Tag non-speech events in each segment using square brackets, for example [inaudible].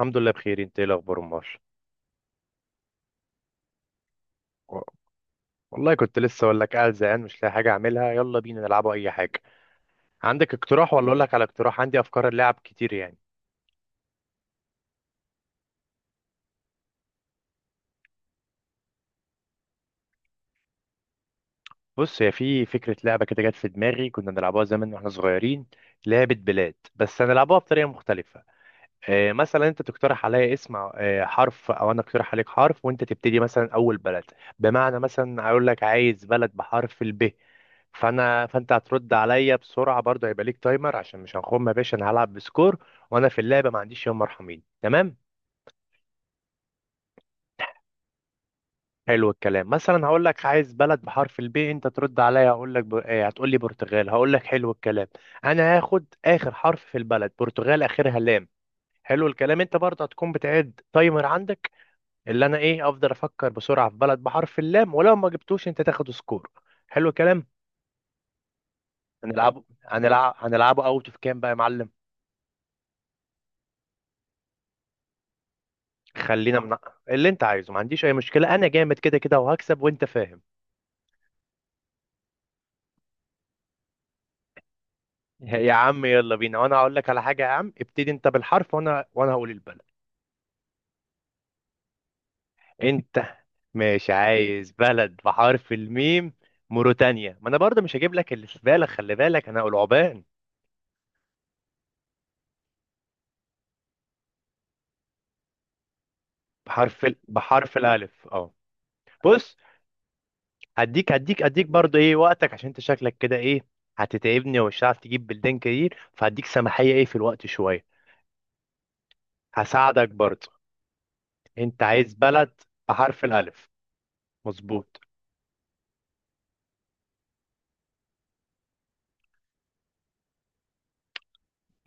الحمد لله، بخير. انت ايه الاخبار؟ امال و- والله كنت لسه اقول لك، قاعد زهقان مش لاقي حاجه اعملها. يلا بينا نلعبوا اي حاجه. عندك اقتراح ولا اقول لك على اقتراح؟ عندي افكار اللعب كتير يعني. بص، هي في فكره لعبه كده جت في دماغي، كنا بنلعبها زمان واحنا صغيرين، لعبه بلاد، بس هنلعبها بطريقه مختلفه. مثلا انت تقترح عليا اسم حرف، او انا اقترح عليك حرف وانت تبتدي مثلا اول بلد. بمعنى مثلا اقول لك عايز بلد بحرف الب، فانا فانت هترد عليا بسرعه، برضه هيبقى ليك تايمر عشان مش هنخم يا باشا. انا هلعب بسكور، وانا في اللعبه ما عنديش يوم مرحمين، تمام؟ حلو الكلام. مثلا هقول لك عايز بلد بحرف البي، انت ترد عليا هقول لك ب... هتقول لي برتغال، هقول لك حلو الكلام، انا هاخد اخر حرف في البلد برتغال، اخرها لام. حلو الكلام. انت برضه هتكون بتعد تايمر عندك، اللي انا ايه، افضل افكر بسرعه في بلد بحرف اللام، ولو ما جبتوش انت تاخد سكور. حلو الكلام. هنلعبه اوت اوف كام بقى يا معلم؟ خلينا من اللي انت عايزه، ما عنديش اي مشكله، انا جامد كده كده وهكسب وانت فاهم. [laughs] يا عم يلا بينا، وانا هقول لك على حاجه. يا عم ابتدي انت بالحرف وانا هقول البلد. انت مش عايز بلد بحرف الميم؟ موريتانيا. ما انا برضه مش هجيب لك اللي في بالك، خلي بالك انا هقول عوبان. بحرف الالف، اه. بص، هديك برضه ايه وقتك عشان انت شكلك كده ايه، هتتعبني ومش هتعرف تجيب بلدان كتير، فهديك سماحية ايه في الوقت شوية. هساعدك برضه. انت عايز بلد بحرف الالف. مظبوط.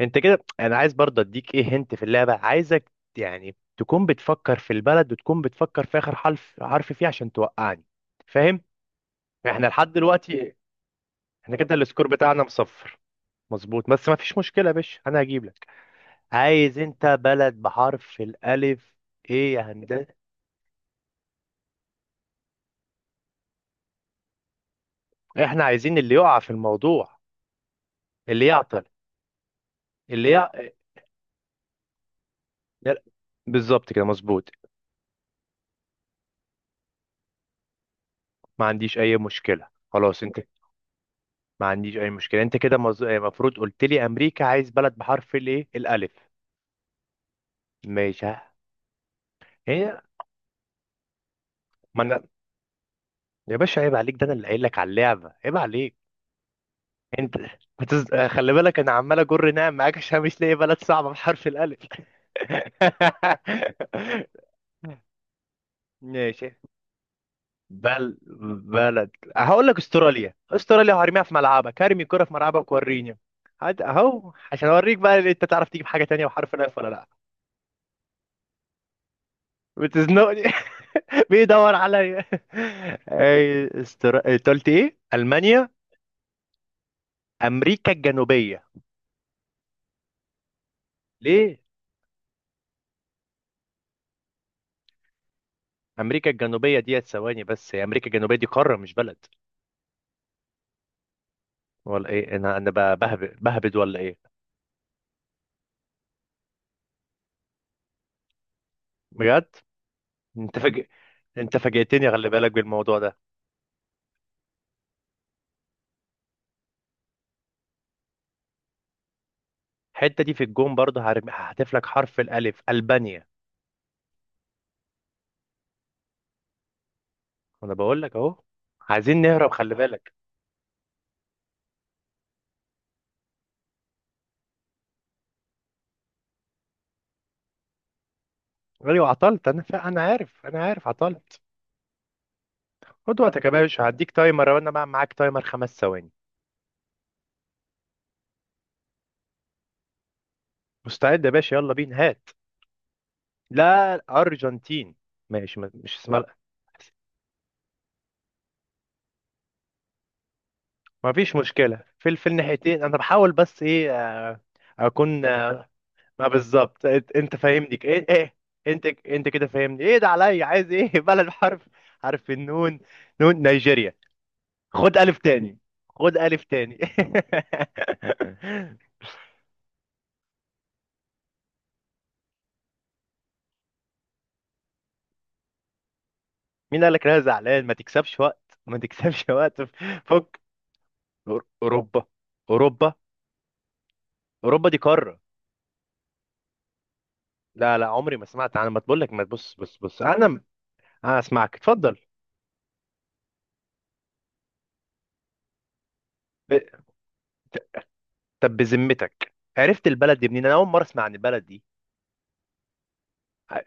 انت كده انا عايز برضه اديك ايه، هنت في اللعبة عايزك يعني تكون بتفكر في البلد، وتكون بتفكر في اخر حرف فيه عشان توقعني، فاهم؟ احنا لحد دلوقتي احنا كده السكور بتاعنا مصفر. مظبوط، بس ما فيش مشكلة يا باشا انا هجيب لك. عايز انت بلد بحرف الالف. ايه يا هندسة؟ احنا عايزين اللي يقع في الموضوع، اللي يعطل، اللي يع... بالظبط كده، مظبوط. ما عنديش اي مشكله، خلاص. انت ما عنديش اي مشكله. انت كده المفروض قلت لي امريكا. عايز بلد بحرف الايه الالف. ماشي، ها. هي ما انا، يا باشا عيب عليك، ده انا اللي قايل لك على اللعبه، عيب عليك. انت خلي بالك، انا عمال اجر نعم معاك عشان مش لاقي بلد صعبه بحرف الالف. [laughs] ماشي. بل بلد، هقول لك استراليا. استراليا، هرميها في ملعبك، هرمي الكرة في ملعبك وريني. هات اهو عشان اوريك بقى إن انت تعرف تجيب حاجة تانية وحرف الف ولا لا. بتزنقني. [laughs] بيدور عليا. أنت قلت ايه، المانيا؟ امريكا الجنوبية. ليه؟ امريكا الجنوبية، ديت ثواني بس، هي امريكا الجنوبية دي قارة مش بلد، ولا ايه؟ انا بهبد ولا ايه؟ بجد. انت فاجئ، انت فاجئتني، خلي بالك بالموضوع ده. الحته دي في الجون، برضه هحذف لك حرف الالف. البانيا. انا بقول لك اهو. عايزين نهرب، خلي بالك. ايوه عطلت. انا عارف عطلت. خد وقتك يا باشا، هديك تايمر، وانا بقى معاك تايمر خمس ثواني. مستعد يا باشا، يلا بينا، هات. لا، الارجنتين. ماشي، مش اسمها. ما فيش مشكلة في في الناحيتين، انا بحاول بس ايه، اكون ما بالظبط، انت فاهمني ايه ايه. انت كده فاهمني ايه، ده عليا عايز ايه. [laughs] بلد حرف، حرف النون. نون، نيجيريا. خد ألف تاني، خد ألف تاني. [laughs] مين قال لك انا زعلان؟ ما تكسبش وقت، ما تكسبش وقت. فك. أوروبا. أوروبا، أوروبا دي قارة. لا لا، عمري ما سمعت أنا. ما تقول لك ما تبص، بص بص أنا. أنا أسمعك، اتفضل. ب- ت- طب بذمتك، عرفت البلد دي منين؟ أنا أول مرة أسمع عن البلد دي. ع-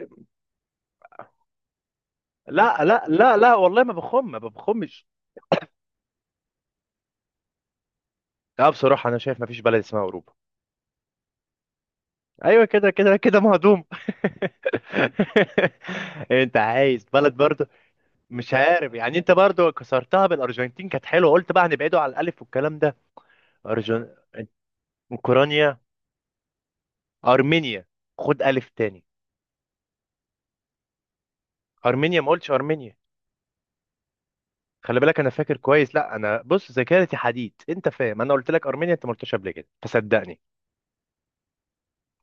لا لا لا لا، والله ما بخم، ما بخمش. لا، بصراحة أنا شايف ما فيش بلد اسمها أوروبا. ايوه كده كده كده، مهضوم. [laughs] انت عايز بلد برضه؟ مش عارف يعني، انت برضه كسرتها بالارجنتين كانت حلوه، قلت بقى هنبعده على الالف والكلام ده. أرجن... اوكرانيا. ارمينيا. خد الف تاني. ارمينيا، ما قلتش ارمينيا. خلي بالك انا فاكر كويس، لا انا بص، ذاكرتي حديد، انت فاهم، انا قلت لك ارمينيا، انت ما قلتش قبل كده، فصدقني.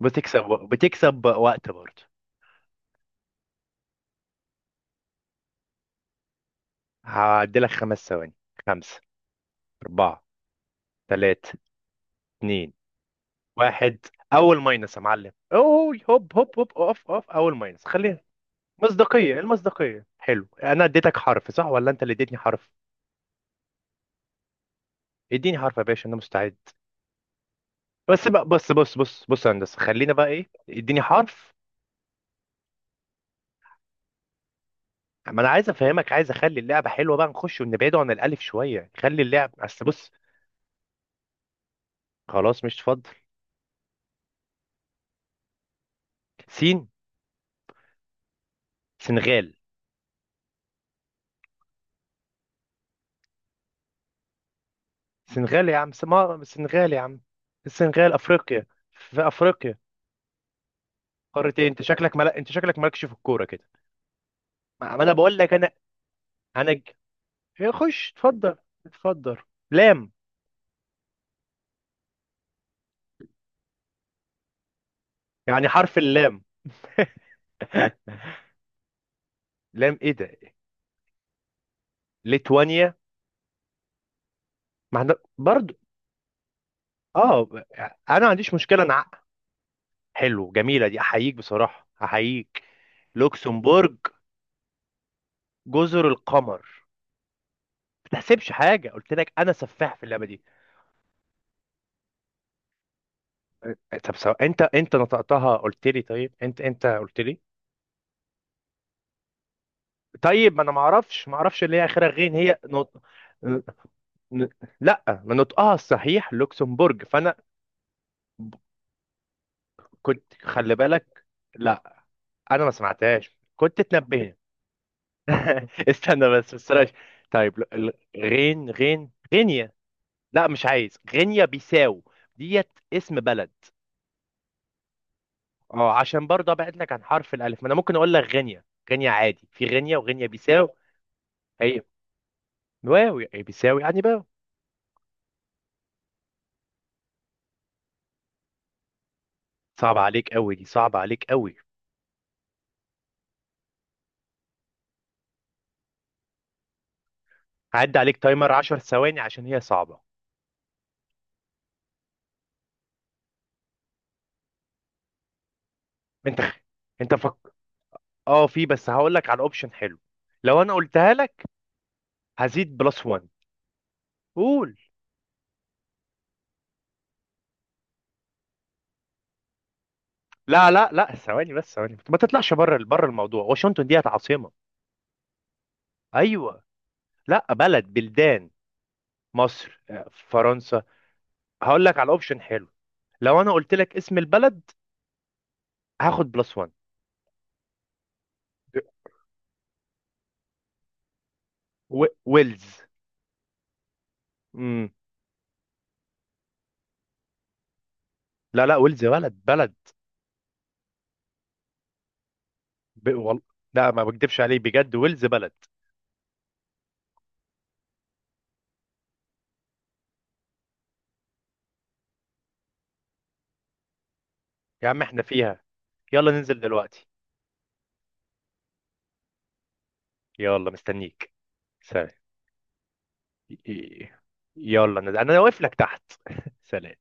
بتكسب وقت برضه. هعدي لك خمس ثواني. خمسه، اربعه، ثلاثه، اتنين، واحد. اول ماينس يا معلم، اوه، هوب هوب هوب، اوف اوف، اول ماينس، خليها. مصداقية، المصداقية، حلو. انا اديتك حرف صح، ولا انت اللي اديتني حرف؟ اديني حرف يا باشا، انا مستعد. بس بقى، بص بص بص بص يا هندسة، خلينا بقى ايه، اديني حرف. ما انا عايز افهمك، عايز اخلي اللعبة حلوة بقى، نخش ونبعده عن الالف شوية، خلي اللعب بس بص. خلاص، مش فاضل. سين. سنغال. سنغال يا عم، سما سنغال يا عم. السنغال افريقيا. في افريقيا. قارتين؟ انت شكلك انت شكلك مالكش في الكورة كده. ما انا بقول لك انا، انا ج- خش، اتفضل. اتفضل. لام، يعني حرف اللام. [laughs] لام ايه ده. ليتوانيا. ما احنا برضو. اه ب- انا ما عنديش مشكله، حلو، جميله دي، احييك بصراحه، احييك. لوكسمبورج. جزر القمر. ما تحسبش حاجه، قلت لك انا سفاح في اللعبه دي. طب سواء، انت نطقتها قلت لي، طيب انت قلت لي. طيب ما انا ما اعرفش، ما اعرفش اللي هي اخرها غين، هي ن... لا، ما نطقها الصحيح لوكسمبورج، فانا كنت خلي بالك. لا انا ما سمعتهاش، كنت تنبهني. [laughs] استنى بس، بس بلاش. طيب غين غينيا. لا، مش عايز، غينيا بيساو. ديت اسم بلد. اه، عشان برضه ابعد لك عن حرف الالف، ما انا ممكن اقول لك غينيا. غينيا عادي، في غينيا وغينيا بيساو. هي واو يعني، بيساو يعني باو. صعب عليك قوي دي، صعب عليك قوي. هعدي عليك تايمر 10 ثواني عشان هي صعبة. انت انت فك. اه في، بس هقول لك على اوبشن حلو، لو انا قلتها لك هزيد بلس +1. قول. لا لا لا، ثواني بس، ثواني، ما تطلعش بره بره الموضوع. واشنطن ديت عاصمة. ايوه. لا، بلد، بلدان. مصر، فرنسا. هقول لك على اوبشن حلو، لو انا قلت لك اسم البلد هاخد بلس +1. ويلز. امم. لا لا، ويلز بلد، بلد. ب... وال... لا، ما بكدبش عليك بجد، ويلز بلد. يا عم احنا فيها، يلا ننزل دلوقتي. يلا مستنيك. سلام. ي- ي- يلا نزل، انا واقف لك تحت. [laughs] سلام.